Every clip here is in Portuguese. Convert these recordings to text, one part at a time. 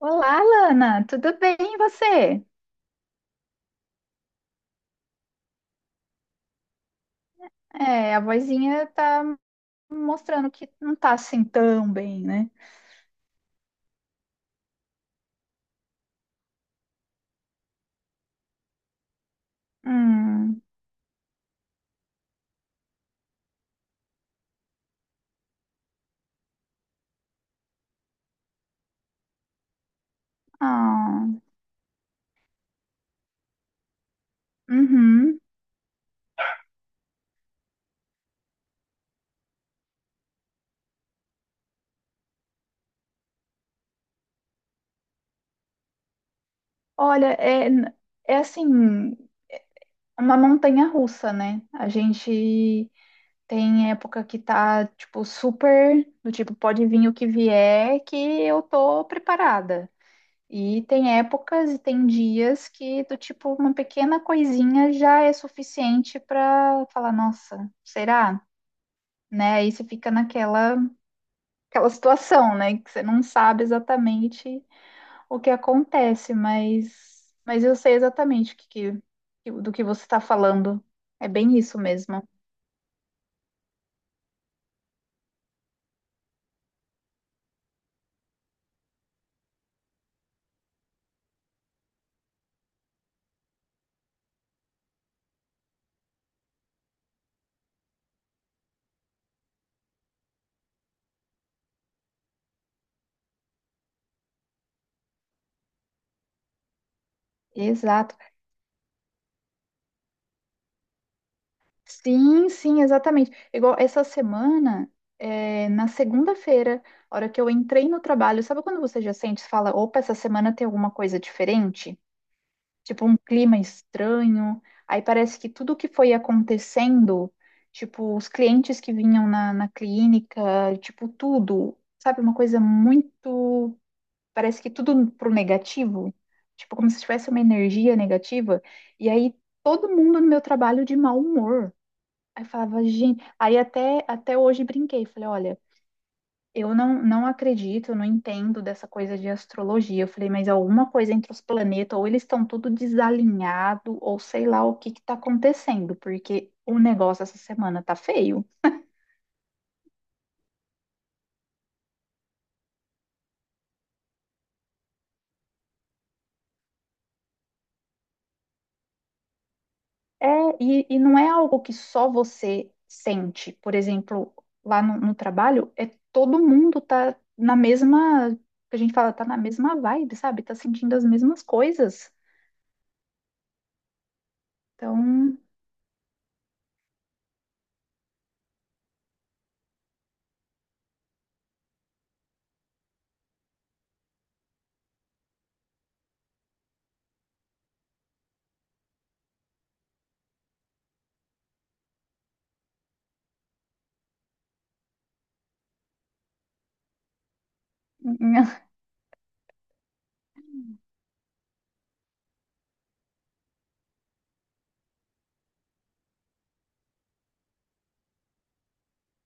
Olá, Lana, tudo bem e você? É, a vozinha tá mostrando que não tá assim tão bem, né? Hum, ah, uhum. Olha, é, é assim, uma montanha russa, né? A gente tem época que tá, tipo, super, do tipo, pode vir o que vier, que eu tô preparada. E tem épocas e tem dias que do tipo uma pequena coisinha já é suficiente para falar, nossa, será? Né? Aí você fica naquela aquela situação, né, que você não sabe exatamente o que acontece, mas eu sei exatamente o que, do que você está falando. É bem isso mesmo. Exato. Sim, sim, exatamente. Igual essa semana, é, na segunda-feira, a hora que eu entrei no trabalho, sabe quando você já sente, e fala, opa, essa semana tem alguma coisa diferente? Tipo, um clima estranho. Aí parece que tudo que foi acontecendo, tipo, os clientes que vinham na clínica, tipo, tudo, sabe, uma coisa muito. Parece que tudo pro negativo. Tipo, como se tivesse uma energia negativa. E aí todo mundo no meu trabalho de mau humor. Aí eu falava, gente. Aí até hoje brinquei. Falei, olha, eu não acredito, eu não entendo dessa coisa de astrologia. Eu falei, mas alguma coisa entre os planetas, ou eles estão tudo desalinhado, ou sei lá o que que tá acontecendo, porque o negócio essa semana tá feio. É, e não é algo que só você sente. Por exemplo, lá no trabalho, é todo mundo tá na mesma, que a gente fala, tá na mesma vibe, sabe? Tá sentindo as mesmas coisas. Então.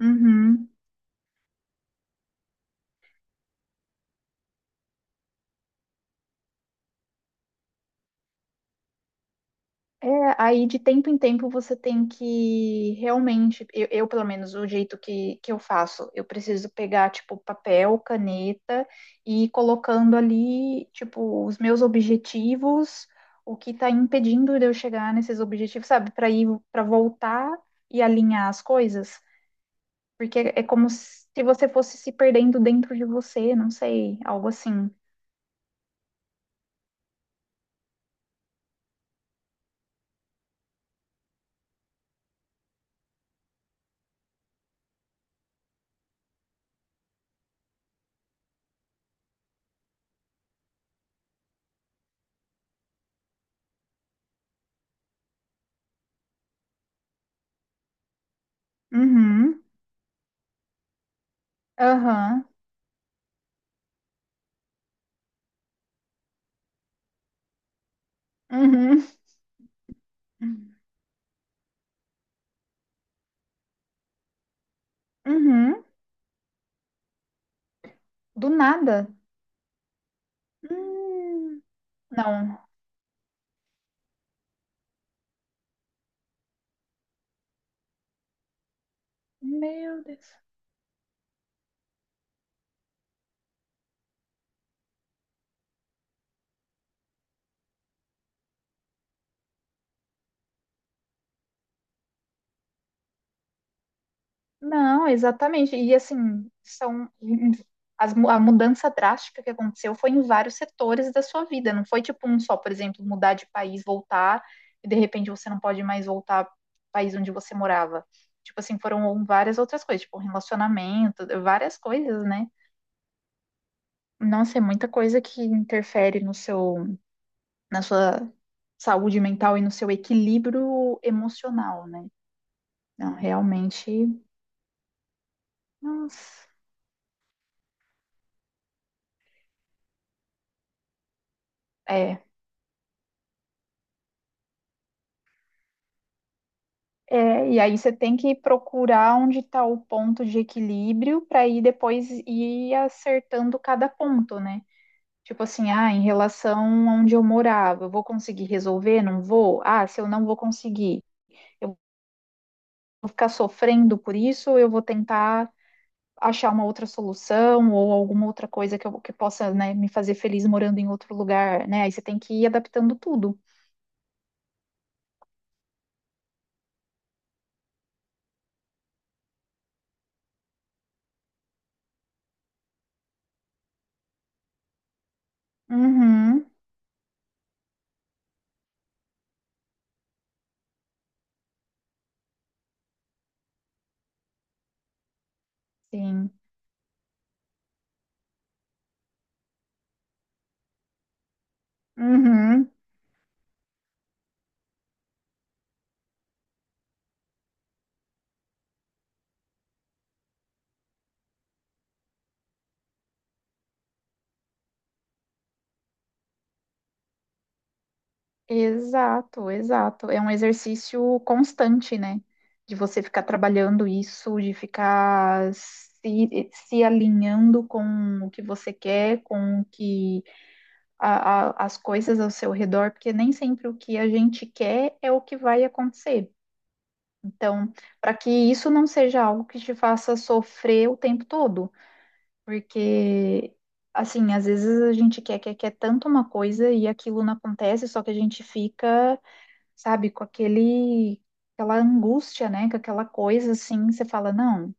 Uhum. É, aí de tempo em tempo você tem que realmente, eu, pelo menos o jeito que eu faço, eu preciso pegar tipo papel, caneta e ir colocando ali tipo os meus objetivos, o que está impedindo de eu chegar nesses objetivos, sabe? Para ir, para voltar e alinhar as coisas, porque é como se você fosse se perdendo dentro de você, não sei, algo assim. Uhum, aham, uhum, uhum. Do nada. Hum, não. Meu Deus. Não, exatamente. E assim, são a mudança drástica que aconteceu foi em vários setores da sua vida. Não foi tipo um só, por exemplo, mudar de país, voltar, e de repente você não pode mais voltar para o país onde você morava. Tipo assim, foram várias outras coisas, tipo relacionamento, várias coisas, né? Nossa, é muita coisa que interfere no seu, na sua saúde mental e no seu equilíbrio emocional, né? Não, realmente. Nossa. É. É, e aí você tem que procurar onde está o ponto de equilíbrio para ir depois ir acertando cada ponto, né? Tipo assim, ah, em relação a onde eu morava, eu vou conseguir resolver? Não vou? Ah, se eu não vou conseguir, eu vou ficar sofrendo por isso, eu vou tentar achar uma outra solução ou alguma outra coisa que, eu, que possa, né, me fazer feliz morando em outro lugar, né? Aí você tem que ir adaptando tudo. Uhum, sim. Uhum. Exato, exato. É um exercício constante, né? De você ficar trabalhando isso, de ficar se alinhando com o que você quer, com o que as coisas ao seu redor, porque nem sempre o que a gente quer é o que vai acontecer. Então, para que isso não seja algo que te faça sofrer o tempo todo, porque assim, às vezes a gente quer tanto uma coisa e aquilo não acontece, só que a gente fica sabe? Com aquele, aquela angústia, né? Com aquela coisa assim, você fala, não,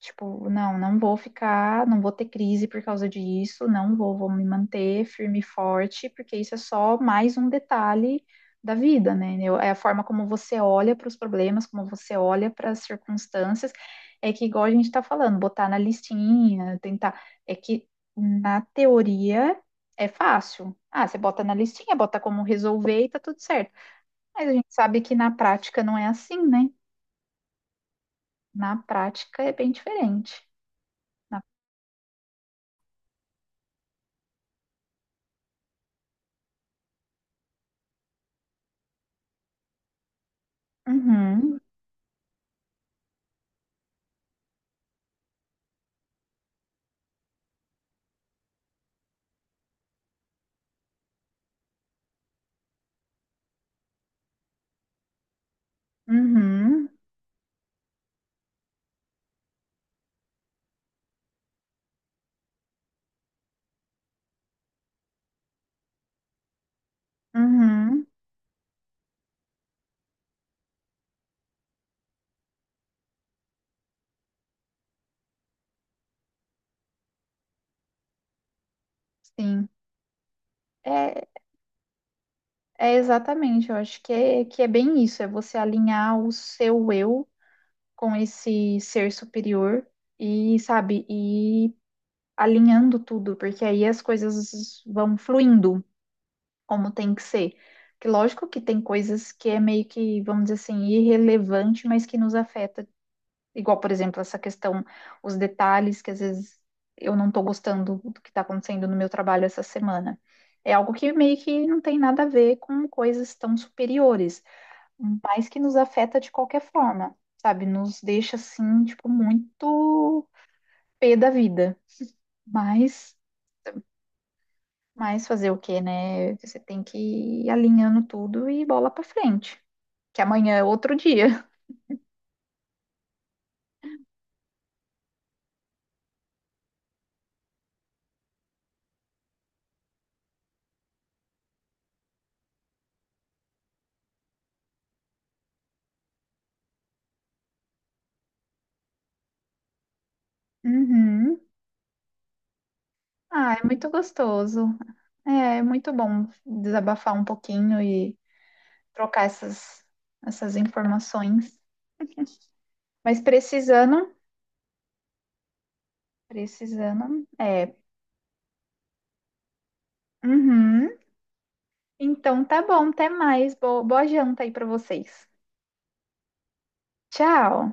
tipo, não, não vou ficar, não vou ter crise por causa disso, não vou, vou me manter firme e forte, porque isso é só mais um detalhe da vida, né? É a forma como você olha para os problemas, como você olha para as circunstâncias, é que igual a gente está falando, botar na listinha, tentar, é que na teoria é fácil. Ah, você bota na listinha, bota como resolver e tá tudo certo. Mas a gente sabe que na prática não é assim, né? Na prática é bem diferente. Na- Uhum, uhum, uhum, sim. É, é exatamente, eu acho que é bem isso, é você alinhar o seu eu com esse ser superior e, sabe, e alinhando tudo, porque aí as coisas vão fluindo como tem que ser. Que lógico que tem coisas que é meio que, vamos dizer assim, irrelevante, mas que nos afeta. Igual, por exemplo, essa questão, os detalhes que às vezes eu não estou gostando do que está acontecendo no meu trabalho essa semana. É algo que meio que não tem nada a ver com coisas tão superiores, mas que nos afeta de qualquer forma, sabe? Nos deixa assim, tipo, muito pé da vida. Mas, mas fazer o quê, né? Você tem que ir alinhando tudo e bola pra frente, que amanhã é outro dia. Uhum. Ah, é muito gostoso. É, é muito bom desabafar um pouquinho e trocar essas, essas informações. Mas precisando, precisando, é. Uhum. Então tá bom, até mais. Boa, boa janta aí pra vocês. Tchau.